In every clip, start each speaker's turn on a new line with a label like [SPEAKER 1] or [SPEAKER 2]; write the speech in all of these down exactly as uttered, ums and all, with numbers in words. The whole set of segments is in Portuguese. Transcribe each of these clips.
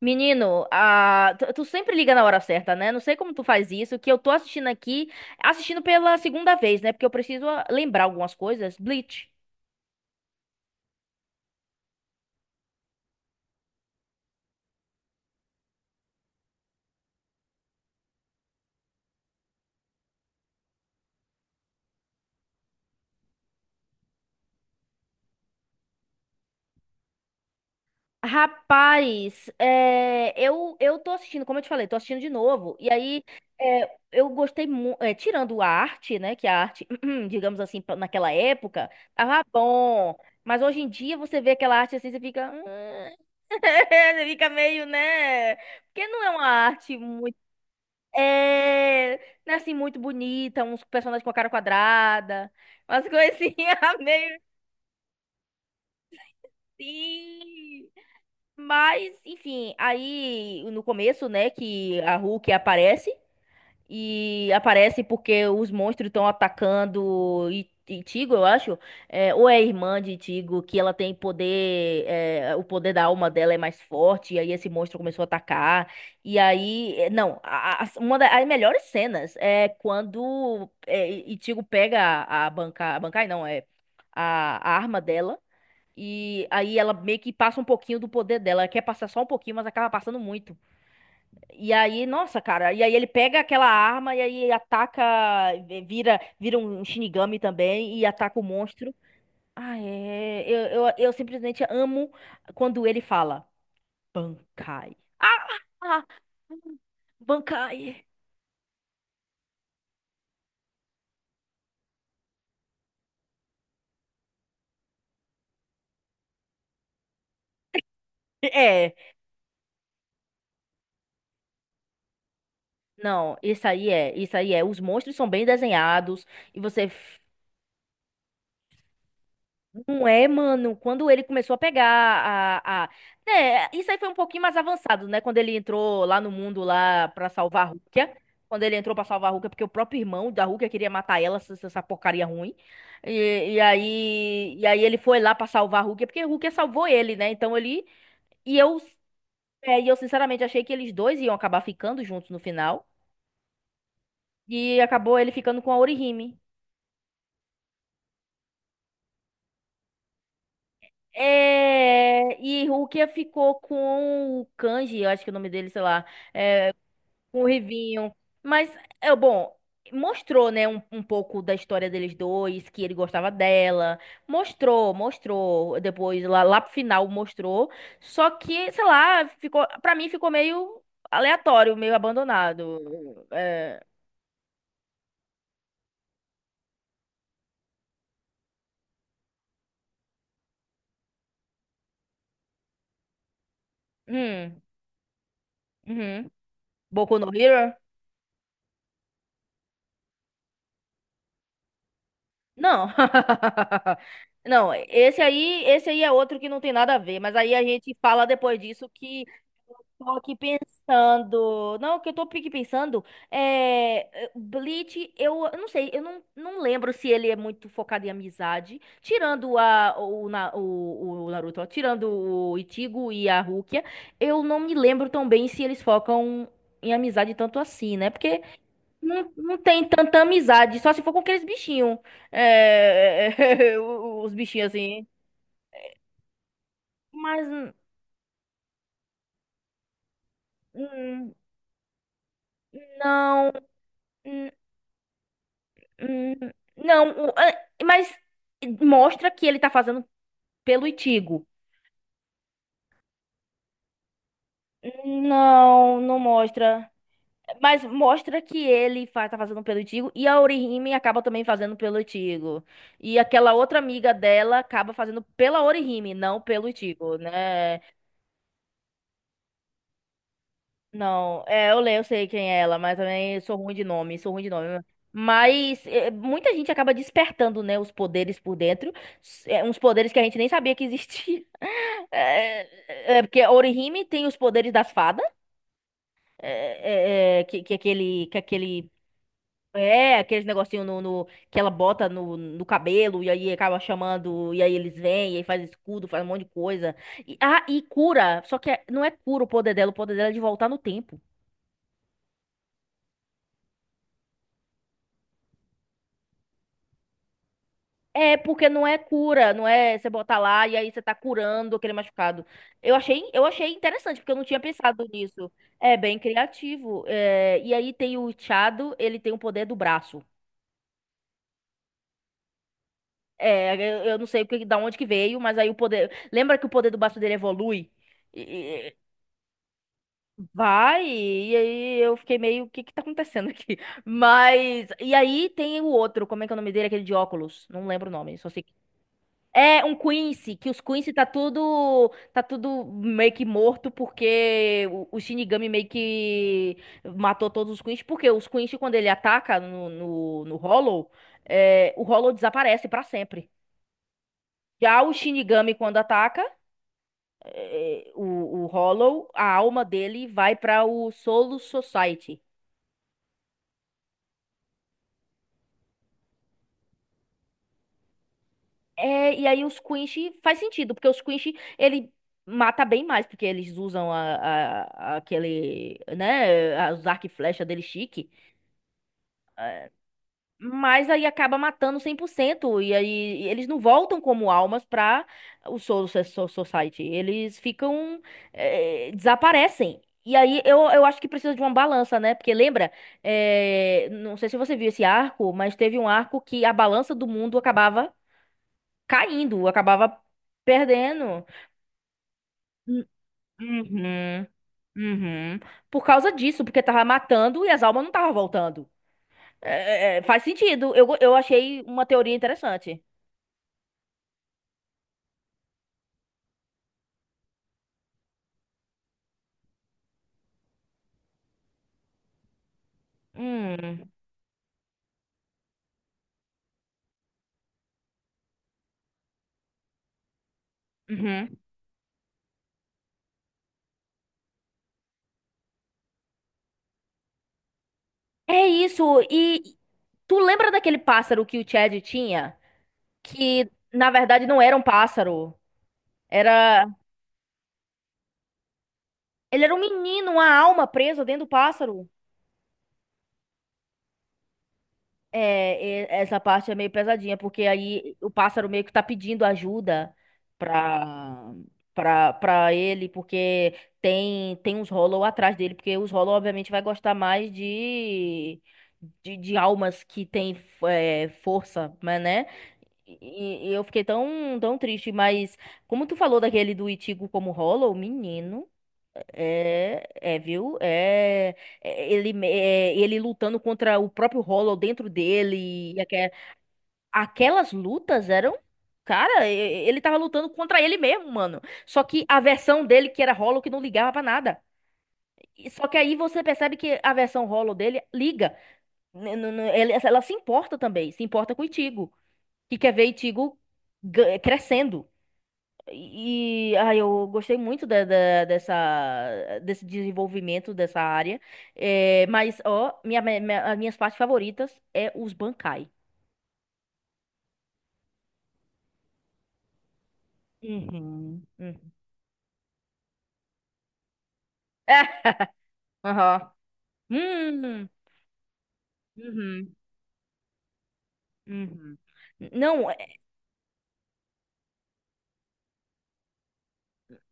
[SPEAKER 1] Menino, ah, tu, tu sempre liga na hora certa, né? Não sei como tu faz isso, que eu tô assistindo aqui, assistindo pela segunda vez, né? Porque eu preciso ah, lembrar algumas coisas. Bleach. Rapaz, é, eu, eu tô assistindo, como eu te falei, tô assistindo de novo. E aí, é, eu gostei muito. Tirando a arte, né? Que a arte, digamos assim, pra- naquela época, tava bom. Mas hoje em dia você vê aquela arte assim, você fica. Você fica meio, né? Porque não é uma arte. É, né, assim, muito bonita, uns personagens com a cara quadrada, umas coisinhas meio assim. Mas, enfim, aí no começo, né, que a Hulk aparece. E aparece porque os monstros estão atacando I- Itigo, eu acho. É, ou é a irmã de Itigo, que ela tem poder. É, o poder da alma dela é mais forte. E aí esse monstro começou a atacar. E aí. É, não, a- a- uma das melhores cenas é quando é, Itigo pega a, a banca. A bancai não, é a, a arma dela. E aí ela meio que passa um pouquinho do poder dela. Ela quer passar só um pouquinho, mas acaba passando muito. E aí, nossa, cara, e aí ele pega aquela arma e aí ataca, eh, vira, vira um Shinigami também e ataca o monstro. Ah, é, eu, eu, eu simplesmente amo quando ele fala Bankai. Ah, ah, Bankai. É, não, isso aí é, isso aí é. Os monstros são bem desenhados e você. Não é, mano. Quando ele começou a pegar a, a... Né, isso aí foi um pouquinho mais avançado, né? Quando ele entrou lá no mundo lá pra salvar a Rukia. Quando ele entrou pra salvar a Rukia, porque o próprio irmão da Rukia queria matar ela, essa, essa porcaria ruim. E, e aí, e aí ele foi lá pra salvar a Rukia, porque a Rukia salvou ele, né? Então ele... E eu, é, e eu sinceramente achei que eles dois iam acabar ficando juntos no final. E acabou ele ficando com a Orihime. É, e Rukia ficou com o Kanji, eu acho que é o nome dele, sei lá, é, com o Rivinho. Mas, é bom, mostrou, né, um, um pouco da história deles dois, que ele gostava dela. Mostrou, mostrou. Depois, lá, lá pro final, mostrou. Só que, sei lá, ficou, pra mim ficou meio aleatório, meio abandonado. É, hum, uhum. Boku no Hero? Não. Não, esse aí, esse aí é outro que não tem nada a ver, mas aí a gente fala depois disso que eu tô aqui pensando. Não, o que eu tô aqui pensando é é, Bleach, eu, eu não sei, eu não, não lembro se ele é muito focado em amizade, tirando a o, Na- o, o Naruto, ó, tirando o Ichigo e a Rukia, eu não me lembro tão bem se eles focam em amizade tanto assim, né? Porque não, não tem tanta amizade, só se for com aqueles bichinhos. É, os bichinhos assim. Mas hum, não. Hum, hum, não, o- é, mas mostra que ele tá fazendo pelo Itigo. Não, não mostra. Mas mostra que ele faz, tá fazendo pelo Itigo e a Orihime acaba também fazendo pelo Itigo. E aquela outra amiga dela acaba fazendo pela Orihime, não pelo Itigo, né? Não, é, eu leio, eu sei quem é ela, mas também sou ruim de nome, sou ruim de nome. Mas é, muita gente acaba despertando, né, os poderes por dentro, s- é, uns poderes que a gente nem sabia que existia. É, é, porque Orihime tem os poderes das fadas, é, é, é, que, que aquele, que aquele, é, aqueles negocinho no, no- que ela bota no, no cabelo e aí acaba chamando, e aí eles vêm, e aí faz escudo, faz um monte de coisa. E, ah, e cura, só que é- não é cura o poder dela, o poder dela é de voltar no tempo. É porque não é cura, não é você botar lá e aí você tá curando aquele machucado. Eu achei, eu achei interessante, porque eu não tinha pensado nisso. É bem criativo. É, e aí tem o Chado, ele tem o poder do braço. É, eu, eu não sei o que- da onde que veio, mas aí o poder. Lembra que o poder do braço dele evolui? E- e- Vai, e aí eu fiquei meio, o que que tá acontecendo aqui? Mas. E aí tem o outro, como é que é o nome dele? Aquele de óculos. Não lembro o nome, só sei. É um Quincy, que os Quincy tá tudo, tá tudo meio que morto porque o, o Shinigami meio que matou todos os Quincy, porque os Quincy quando ele ataca no, no, no Hollow, é, o Hollow desaparece pra sempre. Já o Shinigami quando ataca é, o, o Hollow, a alma dele vai pra o Solo Society. É, e aí os Quinch faz sentido, porque os Quinch, ele mata bem mais, porque eles usam a, a- aquele, né, a- os arco e flecha dele chique, mas aí acaba matando cem por cento e aí eles não voltam como almas pra o Soul So- So- Society, eles ficam, é, desaparecem. E aí eu, eu acho que precisa de uma balança, né? Porque lembra, é, não sei se você viu esse arco, mas teve um arco que a balança do mundo acabava caindo, acabava perdendo. Hum, Uhum, uhum. Por causa disso, porque tava matando e as almas não estavam voltando. É, é, é, faz sentido. Eu, go- eu achei uma teoria interessante. Hum, uhum. É isso. E tu lembra daquele pássaro que o Chad tinha? Que na verdade não era um pássaro. Era. Ele era um menino, uma alma presa dentro do pássaro. É, e- essa parte é meio pesadinha, porque aí o pássaro meio que tá pedindo ajuda pra, pra, pra ele, porque tem, tem uns Hollow atrás dele, porque os Hollow obviamente vai gostar mais de, de, de almas que tem é, força, mas né? E, e eu fiquei tão, tão triste, mas como tu falou daquele do Ichigo como Hollow, menino. É, é, viu? É, é, ele, me- é, ele lutando contra o próprio Hollow dentro dele. E aque- aquelas lutas eram. Cara, e- e- ele tava lutando contra ele mesmo, mano. Só que a versão dele, que era Hollow, que não ligava pra nada. E- Só que aí você percebe que a versão Hollow dele liga. N- n- n- ele- Ela se importa também. Se importa com o Ichigo. Que quer ver Ichigo ga- crescendo. E ah, eu gostei muito da- da- dessa, desse desenvolvimento dessa área. É, mas, ó, minha, minha- minha- as minhas partes favoritas é os bancai. Uhum. Hum. É, aham. Hum, uhum, uhum. Não, é,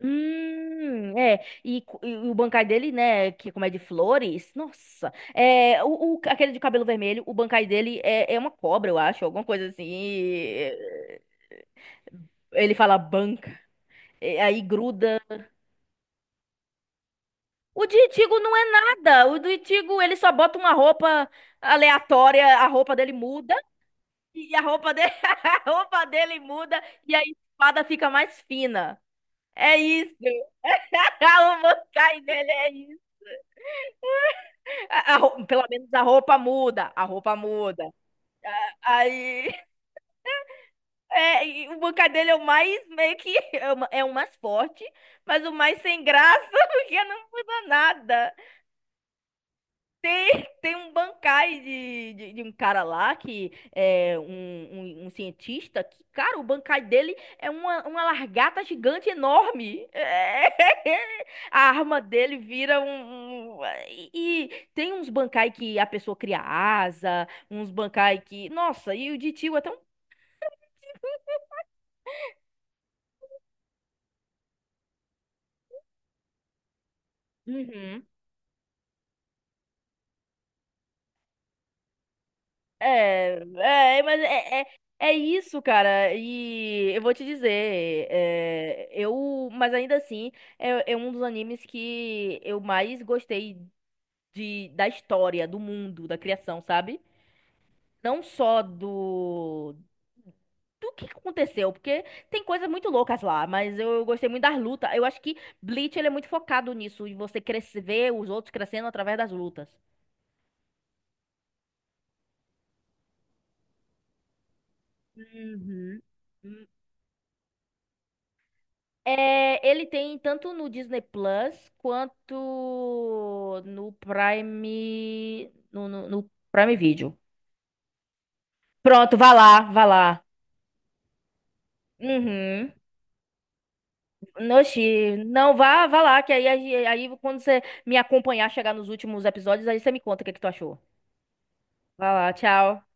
[SPEAKER 1] hum, é, e, co- e o bancai dele, né, que é como é de flores, nossa, é, o, o- aquele de cabelo vermelho, o bancai dele é, é uma cobra, eu acho, alguma coisa assim, e-. É, ele fala e aí gruda. O de Itigo não é nada. O do Itigo, ele só bota uma roupa aleatória, a roupa dele muda, e a roupa dele, a roupa dele muda, e a espada fica mais fina. É isso. O Mokai dele é isso. A- a rou- pelo menos a roupa muda. A roupa muda. Aí, é, e o Mokai dele é o mais, meio que, é o ma- é o mais forte, mas o mais sem graça, porque não muda nada. Tem, tem um bancai de, de, de um cara lá que é um, um, um cientista que, cara, o bancai dele é uma, uma largata gigante enorme. A arma dele vira um. Um-. E, e tem uns bancai que a pessoa cria asa, uns bancai que. Nossa, e o de tio é tão. Uhum. É, é, mas é, é, é isso, cara. E eu vou te dizer, é, eu, mas ainda assim, é, é um dos animes que eu mais gostei de, da história, do mundo, da criação, sabe? Não só do, do que aconteceu, porque tem coisas muito loucas lá, mas eu gostei muito das lutas. Eu acho que Bleach, ele é muito focado nisso, e você crescer, ver os outros crescendo através das lutas. Uhum. É, ele tem tanto no Disney Plus quanto no Prime, no, no, no Prime Video. Pronto, vá lá, vá lá. Uhum. Oxi, não, vá, vá lá, que aí, aí, aí quando você me acompanhar, chegar nos últimos episódios, aí você me conta o que que tu achou. Vá lá, tchau.